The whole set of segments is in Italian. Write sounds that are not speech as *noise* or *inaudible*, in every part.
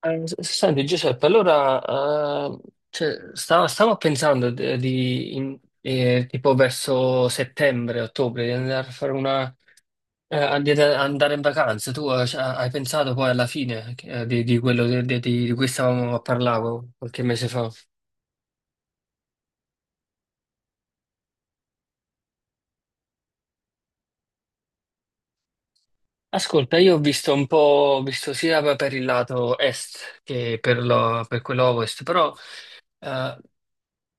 Senti, Giuseppe, allora eh, stavo pensando di tipo verso settembre, ottobre, di andare a fare di andare in vacanza. Tu, hai pensato poi alla fine di quello di cui stavamo a parlare qualche mese fa? Ascolta, io ho visto un po', ho visto sia per il lato est che per, per quello ovest, però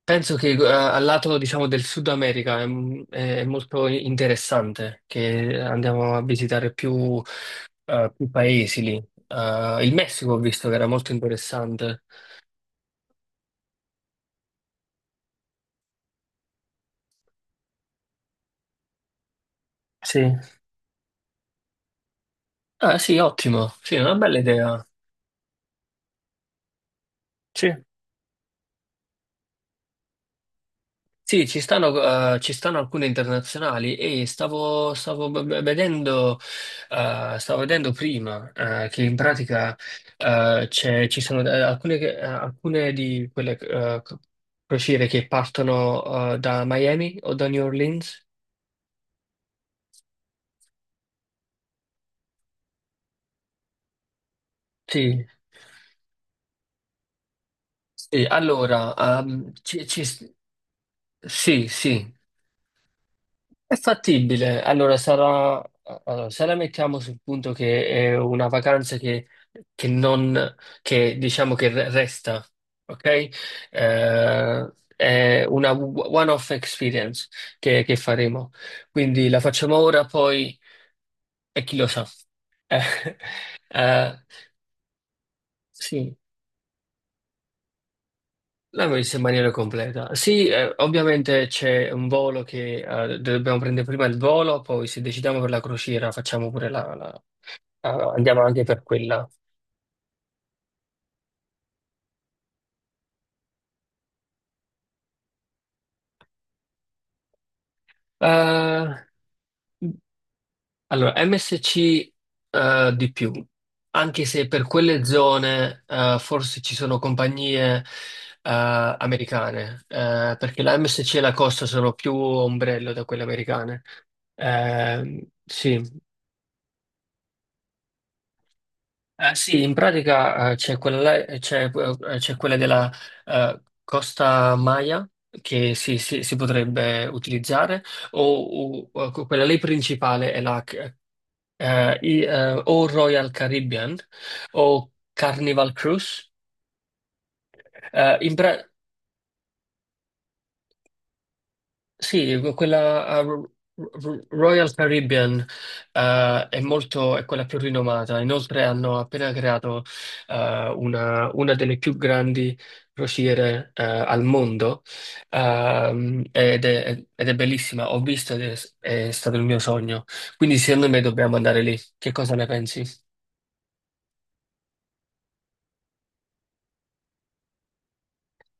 penso che al lato, diciamo, del Sud America è molto interessante che andiamo a visitare più, più paesi lì. Il Messico ho visto che era molto interessante. Sì. Ah, sì, ottimo. Sì, è una bella idea. Sì. Sì, ci stanno alcune internazionali e vedendo, stavo vedendo prima, che in pratica, ci sono alcune, alcune di quelle, crociere che partono, da Miami o da New Orleans. Sì, sì, allora, sì, sì. È fattibile, allora allora, se la mettiamo sul punto che è una vacanza che non, che diciamo che resta, ok? È una one-off experience che faremo, quindi la facciamo ora, poi e chi lo sa. Eh, *laughs* eh, sì, l'abbiamo vista in maniera completa. Sì, ovviamente c'è un volo che dobbiamo prendere prima il volo, poi se decidiamo per la crociera facciamo pure la. Ah, andiamo anche per quella. Eh, allora, MSC di più, anche se per quelle zone forse ci sono compagnie americane, perché la MSC e la Costa sono più ombrello da quelle americane. Eh, sì, sì, in pratica c'è quella della Costa Maya che si potrebbe utilizzare, o quella lì principale è la o Royal Caribbean o Carnival Cruise. Eh, in pra- Sì, quella a Royal Caribbean, è quella più rinomata. Inoltre hanno appena creato una delle più grandi crociere, al mondo, ed è bellissima. Ho visto ed è, È stato il mio sogno. Quindi secondo me dobbiamo andare lì. Che cosa ne pensi?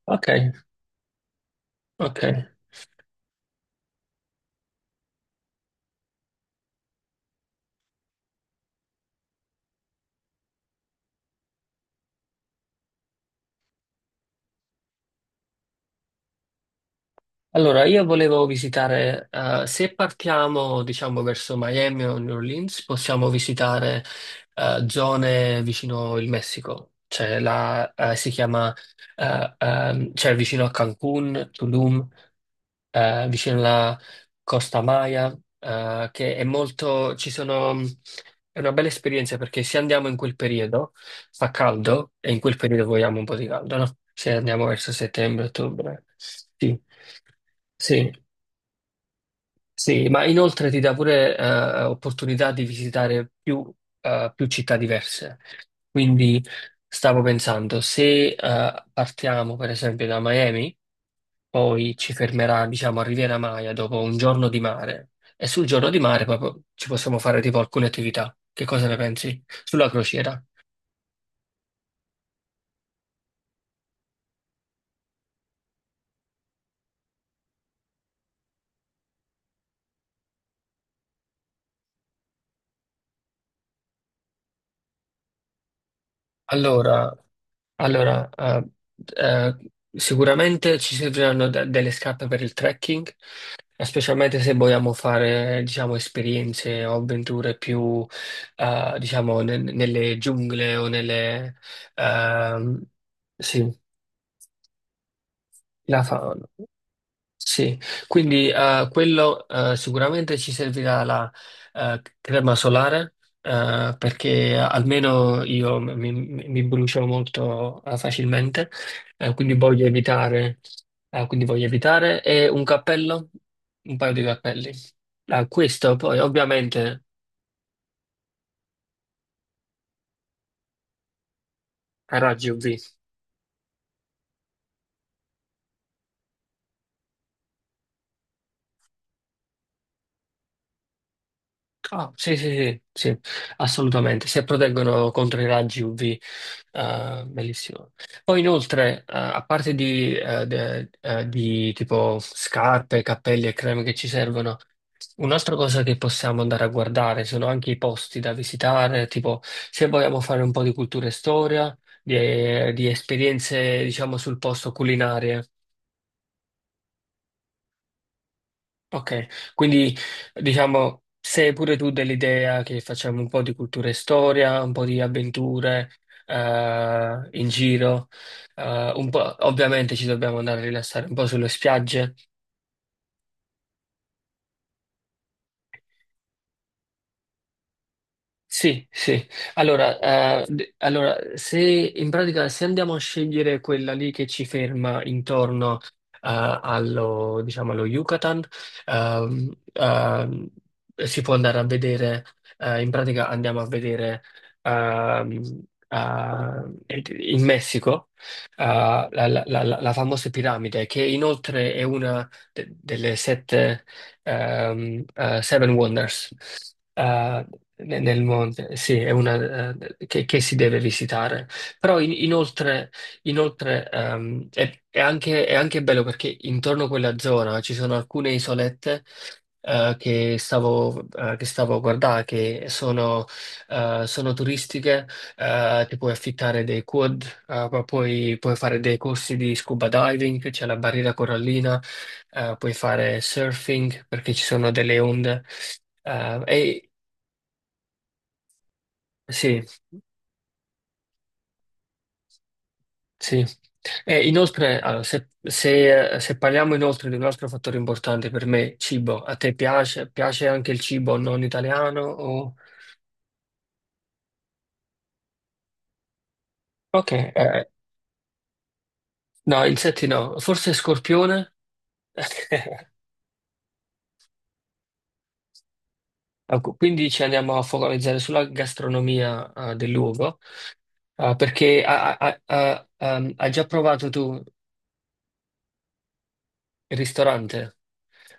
Ok, ok. Allora, io volevo visitare, se partiamo, diciamo, verso Miami o New Orleans, possiamo visitare, zone vicino il Messico. Cioè, cioè vicino a Cancun, Tulum, vicino alla Costa Maya, che è molto, ci sono, è una bella esperienza perché se andiamo in quel periodo fa caldo e in quel periodo vogliamo un po' di caldo, no? Se andiamo verso settembre, ottobre, sì, sì, sì, ma inoltre ti dà pure opportunità di visitare più, più città diverse. Quindi stavo pensando, se partiamo per esempio da Miami, poi ci fermerà, diciamo, a Riviera Maya dopo un giorno di mare e sul giorno di mare proprio ci possiamo fare tipo alcune attività. Che cosa ne pensi? Sulla crociera. Allora, allora, sicuramente ci serviranno delle scarpe per il trekking, specialmente se vogliamo fare, diciamo, esperienze o avventure più, diciamo, nelle giungle o nelle... ehm, sì, la fauna. Sì, quindi quello sicuramente ci servirà la crema solare perché almeno io mi brucio molto facilmente, quindi voglio evitare, e un cappello, un paio di cappelli. Ah, questo poi ovviamente a raggi UV. Ah, sì, sì, sì, sì, assolutamente. Se proteggono contro i raggi UV, bellissimo. Poi inoltre, a parte di tipo scarpe, cappelli e creme che ci servono, un'altra cosa che possiamo andare a guardare sono anche i posti da visitare, tipo se vogliamo fare un po' di cultura e storia, di esperienze, diciamo, sul posto culinarie. Ok, quindi diciamo sei pure tu dell'idea che facciamo un po' di cultura e storia, un po' di avventure in giro, un po', ovviamente ci dobbiamo andare a rilassare un po' sulle spiagge. Sì, sì. Allora, allora, se in pratica se andiamo a scegliere quella lì che ci ferma intorno allo, diciamo, allo Yucatan, ehm, ehm, si può andare a vedere, eh, in pratica andiamo a vedere ehm, eh, in Messico la famosa piramide, che inoltre è una delle sette Seven Wonders. Eh, Nel monte, sì, è una, che si deve visitare. Però inoltre, è anche bello perché intorno a quella zona ci sono alcune isolette che stavo a guardare, che sono, sono turistiche, ti puoi affittare dei quad, puoi fare dei corsi di scuba diving, c'è la barriera corallina, puoi fare surfing perché ci sono delle onde. Eh, sì, sì. E inoltre, allora, se parliamo inoltre di un altro fattore importante per me, cibo, a te piace anche il cibo non italiano? O- ok, no, insetti no, forse scorpione? *laughs* Ecco, quindi ci andiamo a focalizzare sulla gastronomia, del luogo, perché ha- ha- ha- hai già provato tu il ristorante?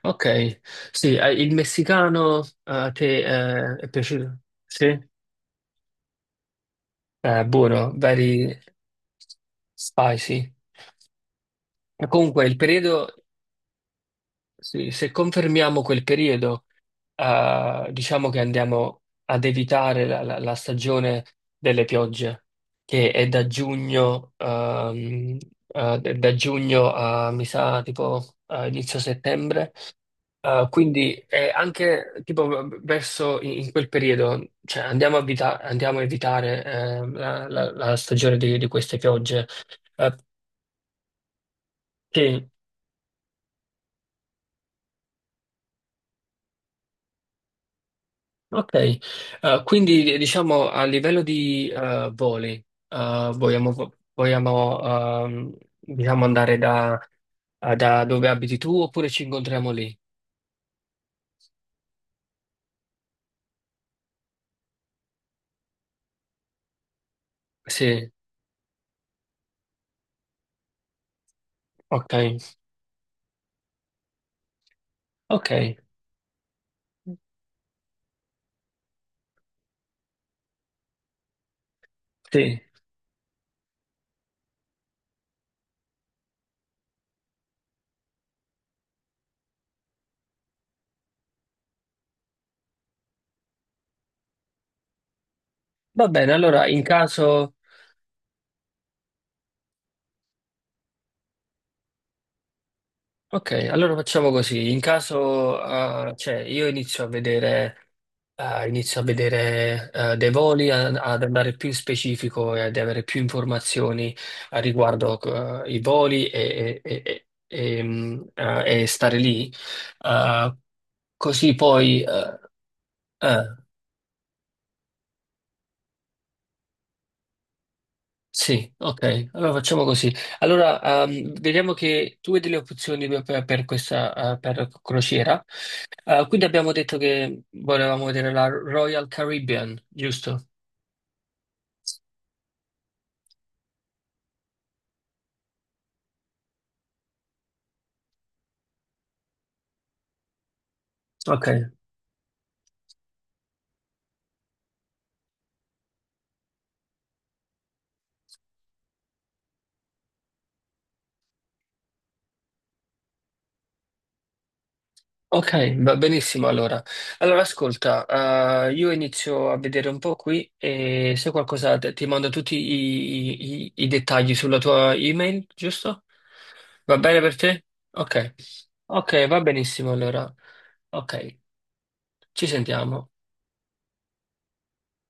Ok, sì, il messicano, a te, è piaciuto? Sì? Buono, very spicy. E comunque, il periodo, sì, se confermiamo quel periodo, diciamo che andiamo ad evitare la stagione delle piogge, che è da giugno, a, mi sa, tipo, a inizio settembre. Quindi anche tipo verso in quel periodo, cioè andiamo andiamo a evitare la stagione di queste piogge. Eh, sì, ok. Quindi diciamo a livello di voli, vogliamo, diciamo andare da dove abiti tu oppure ci incontriamo lì? Sì, ok, ok, sì. Va bene, allora in caso. Ok, allora facciamo così. In caso, io inizio a vedere, dei voli, ad andare più in specifico e ad avere più informazioni a riguardo, i voli e stare lì. Eh, Così poi, eh, sì, ok, allora facciamo così. Allora, vediamo che tu hai delle opzioni per questa, per crociera. Quindi abbiamo detto che volevamo vedere la Royal Caribbean, giusto? Ok, ok, va benissimo allora. Allora ascolta, io inizio a vedere un po' qui e se qualcosa ti mando tutti i, i dettagli sulla tua email, giusto? Va bene per te? Ok, ok, va benissimo allora. Ok, ci sentiamo.